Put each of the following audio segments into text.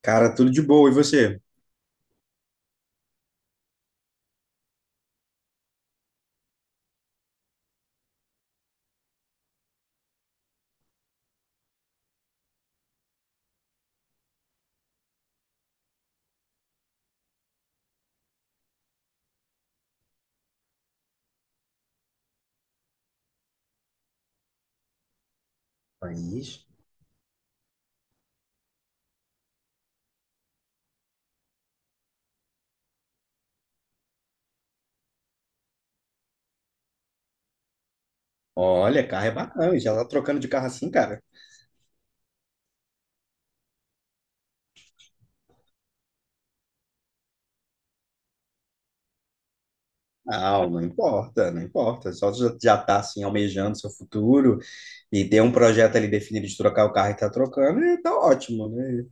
Cara, tudo de boa. E você? País. Olha, carro é bacana. Já tá trocando de carro assim, cara? Não, não importa, não importa. Só já, já tá assim, almejando seu futuro e ter um projeto ali definido de trocar o carro e tá trocando, e tá ótimo, né?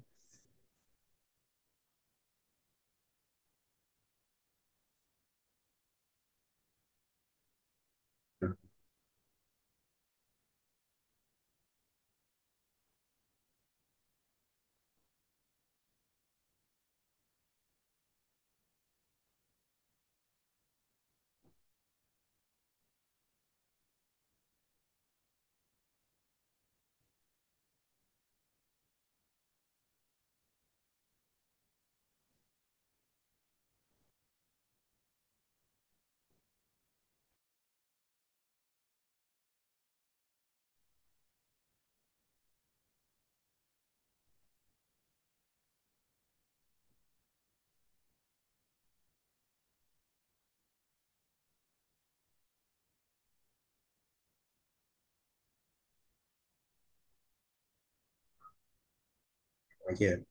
Como é que é?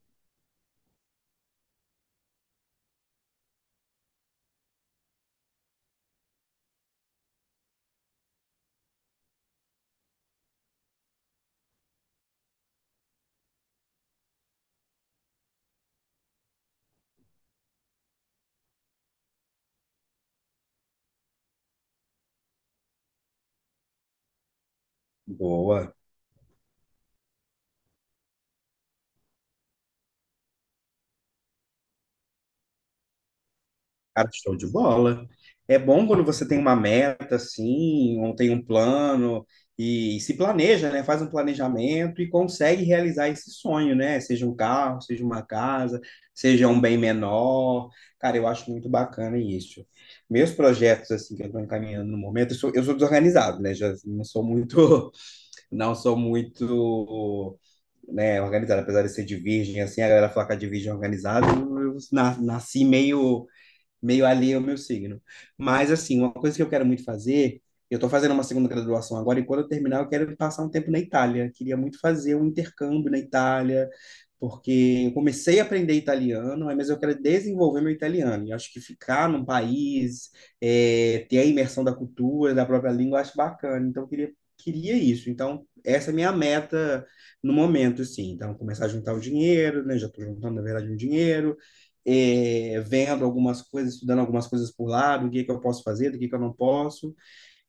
Boa. Cara, show de bola. É bom quando você tem uma meta, assim, ou tem um plano e, se planeja, né? Faz um planejamento e consegue realizar esse sonho, né? Seja um carro, seja uma casa, seja um bem menor. Cara, eu acho muito bacana isso. Meus projetos, assim, que eu estou encaminhando no momento, eu sou desorganizado, né? Já não sou muito, não sou muito, né, organizado, apesar de ser de virgem, assim, a galera fala que é de virgem é organizado, eu nasci meio alheio ao meu signo. Mas, assim, uma coisa que eu quero muito fazer, eu estou fazendo uma segunda graduação agora, e quando eu terminar, eu quero passar um tempo na Itália. Queria muito fazer um intercâmbio na Itália, porque eu comecei a aprender italiano, mas eu quero desenvolver meu italiano. E acho que ficar num país, ter a imersão da cultura, da própria língua, eu acho bacana. Então, queria isso. Então, essa é a minha meta no momento, assim. Então, começar a juntar o dinheiro, né? Já estou juntando, na verdade, um dinheiro vendo algumas coisas, estudando algumas coisas por lá, do que eu posso fazer, do que eu não posso.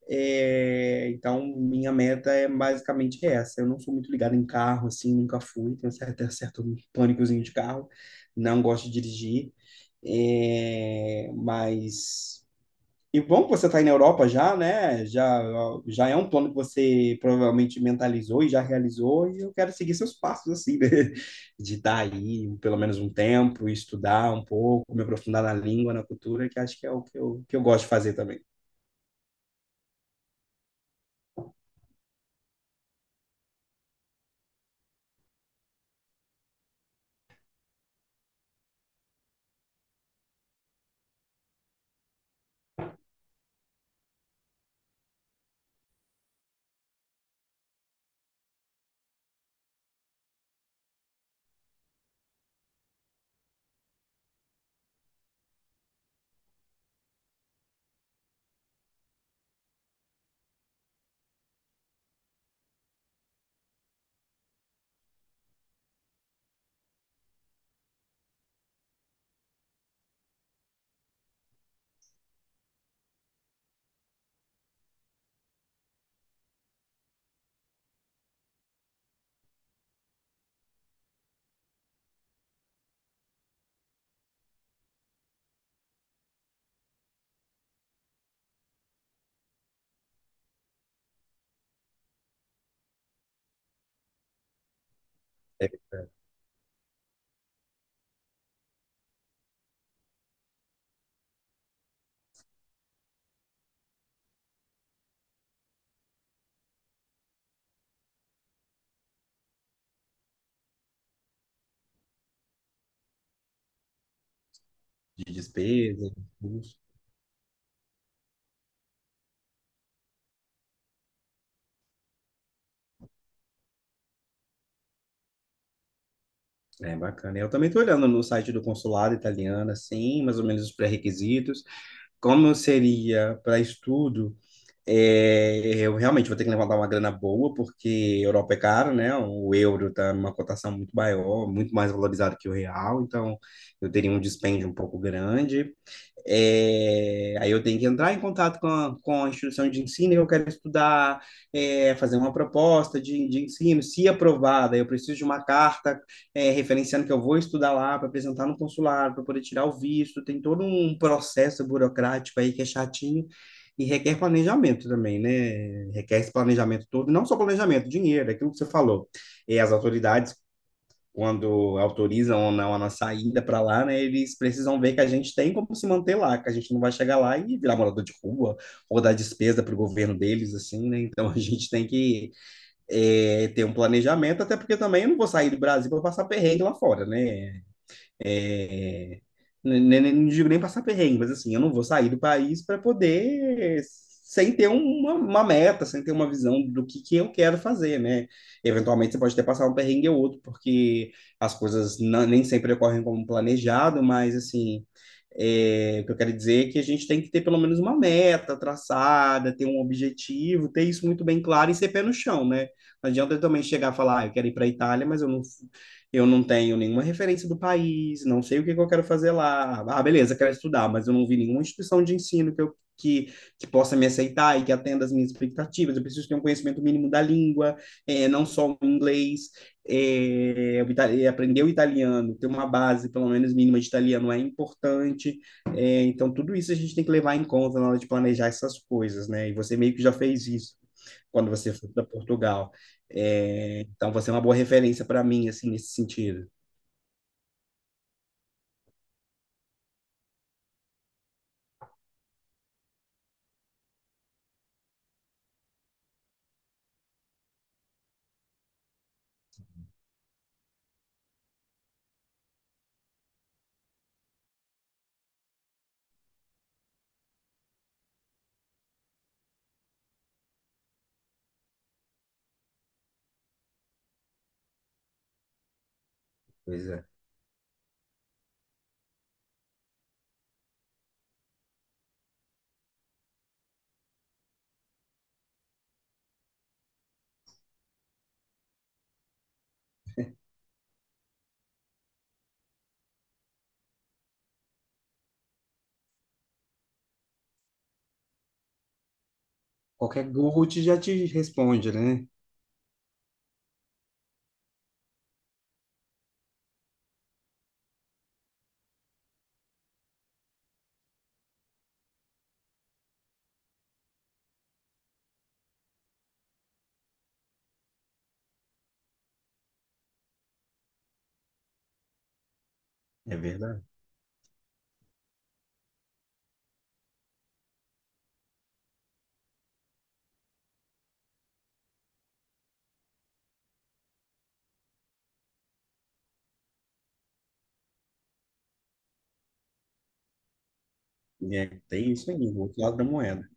É, então, minha meta é basicamente essa. Eu não sou muito ligado em carro, assim, nunca fui, tenho um certo pânicozinho de carro, não gosto de dirigir, mas e bom que você está aí na Europa já, né? Já é um plano que você provavelmente mentalizou e já realizou, e eu quero seguir seus passos, assim, né? De estar aí pelo menos um tempo, estudar um pouco, me aprofundar na língua, na cultura, que acho que é que eu gosto de fazer também. É, de despesa, de custo. É bacana. Eu também estou olhando no site do consulado italiano, assim, mais ou menos os pré-requisitos, como seria para estudo. É, eu realmente vou ter que levantar uma grana boa, porque Europa é caro, né? O euro está numa cotação muito maior, muito mais valorizado que o real, então eu teria um dispêndio um pouco grande. É, aí eu tenho que entrar em contato com a instituição de ensino que eu quero estudar, é, fazer uma proposta de ensino, se aprovada, eu preciso de uma carta é, referenciando que eu vou estudar lá para apresentar no consulado, para poder tirar o visto, tem todo um processo burocrático aí que é chatinho e requer planejamento também, né? Requer esse planejamento todo, não só planejamento, dinheiro, é aquilo que você falou. E as autoridades quando autorizam ou não a nossa ida para lá, né, eles precisam ver que a gente tem como se manter lá, que a gente não vai chegar lá e virar morador de rua ou dar despesa para o governo deles, assim, né? Então a gente tem que ter um planejamento, até porque também eu não vou sair do Brasil para passar perrengue lá fora, né? É, não digo nem passar perrengue, mas assim, eu não vou sair do país para poder, sem ter uma meta, sem ter uma visão do que eu quero fazer, né? Eventualmente você pode até passar um perrengue ou outro, porque as coisas nem sempre ocorrem como planejado, mas assim, é, o que eu quero dizer é que a gente tem que ter pelo menos uma meta traçada, ter um objetivo, ter isso muito bem claro e ser pé no chão, né? Não adianta eu também chegar e falar, ah, eu quero ir para a Itália, eu não tenho nenhuma referência do país, não sei o que que eu quero fazer lá. Ah, beleza, quero estudar, mas eu não vi nenhuma instituição de ensino que, que possa me aceitar e que atenda as minhas expectativas. Eu preciso ter um conhecimento mínimo da língua, é, não só o inglês, é, o é, aprender o italiano, ter uma base, pelo menos mínima de italiano é importante. É, então, tudo isso a gente tem que levar em conta na hora de planejar essas coisas, né? E você meio que já fez isso quando você foi para Portugal. É, então você é uma boa referência para mim, assim, nesse sentido. Pois é. Qualquer Google já te responde, né? É verdade. É, tem isso aí, o outro lado da moeda.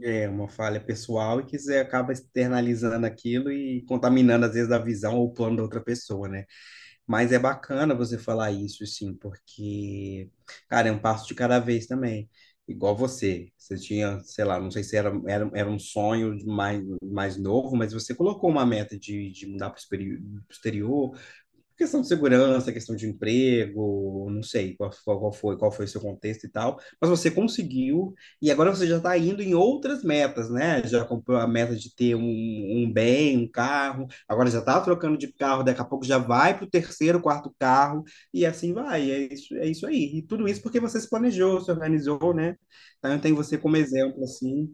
É uma falha pessoal e que você acaba externalizando aquilo e contaminando, às vezes, a visão ou o plano da outra pessoa, né? Mas é bacana você falar isso, sim, porque, cara, é um passo de cada vez também. Igual você, você tinha, sei lá, não sei se era um sonho de mais, mais novo, mas você colocou uma meta de mudar para o exterior, questão de segurança, questão de emprego, não sei qual, qual qual foi o seu contexto e tal, mas você conseguiu e agora você já está indo em outras metas, né? Já comprou a meta de ter um bem, um carro, agora já está trocando de carro, daqui a pouco já vai para o terceiro, quarto carro e assim vai, é isso aí. E tudo isso porque você se planejou, se organizou, né? Então eu tenho você como exemplo, assim,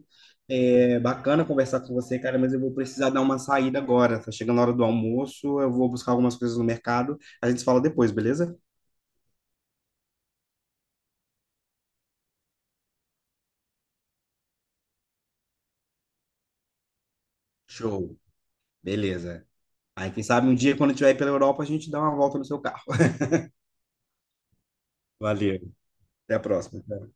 é bacana conversar com você, cara, mas eu vou precisar dar uma saída agora. Tá chegando a hora do almoço, eu vou buscar algumas coisas no mercado. A gente se fala depois, beleza? Show. Beleza. Aí, quem sabe um dia, quando eu estiver aí pela Europa, a gente dá uma volta no seu carro. Valeu. Até a próxima.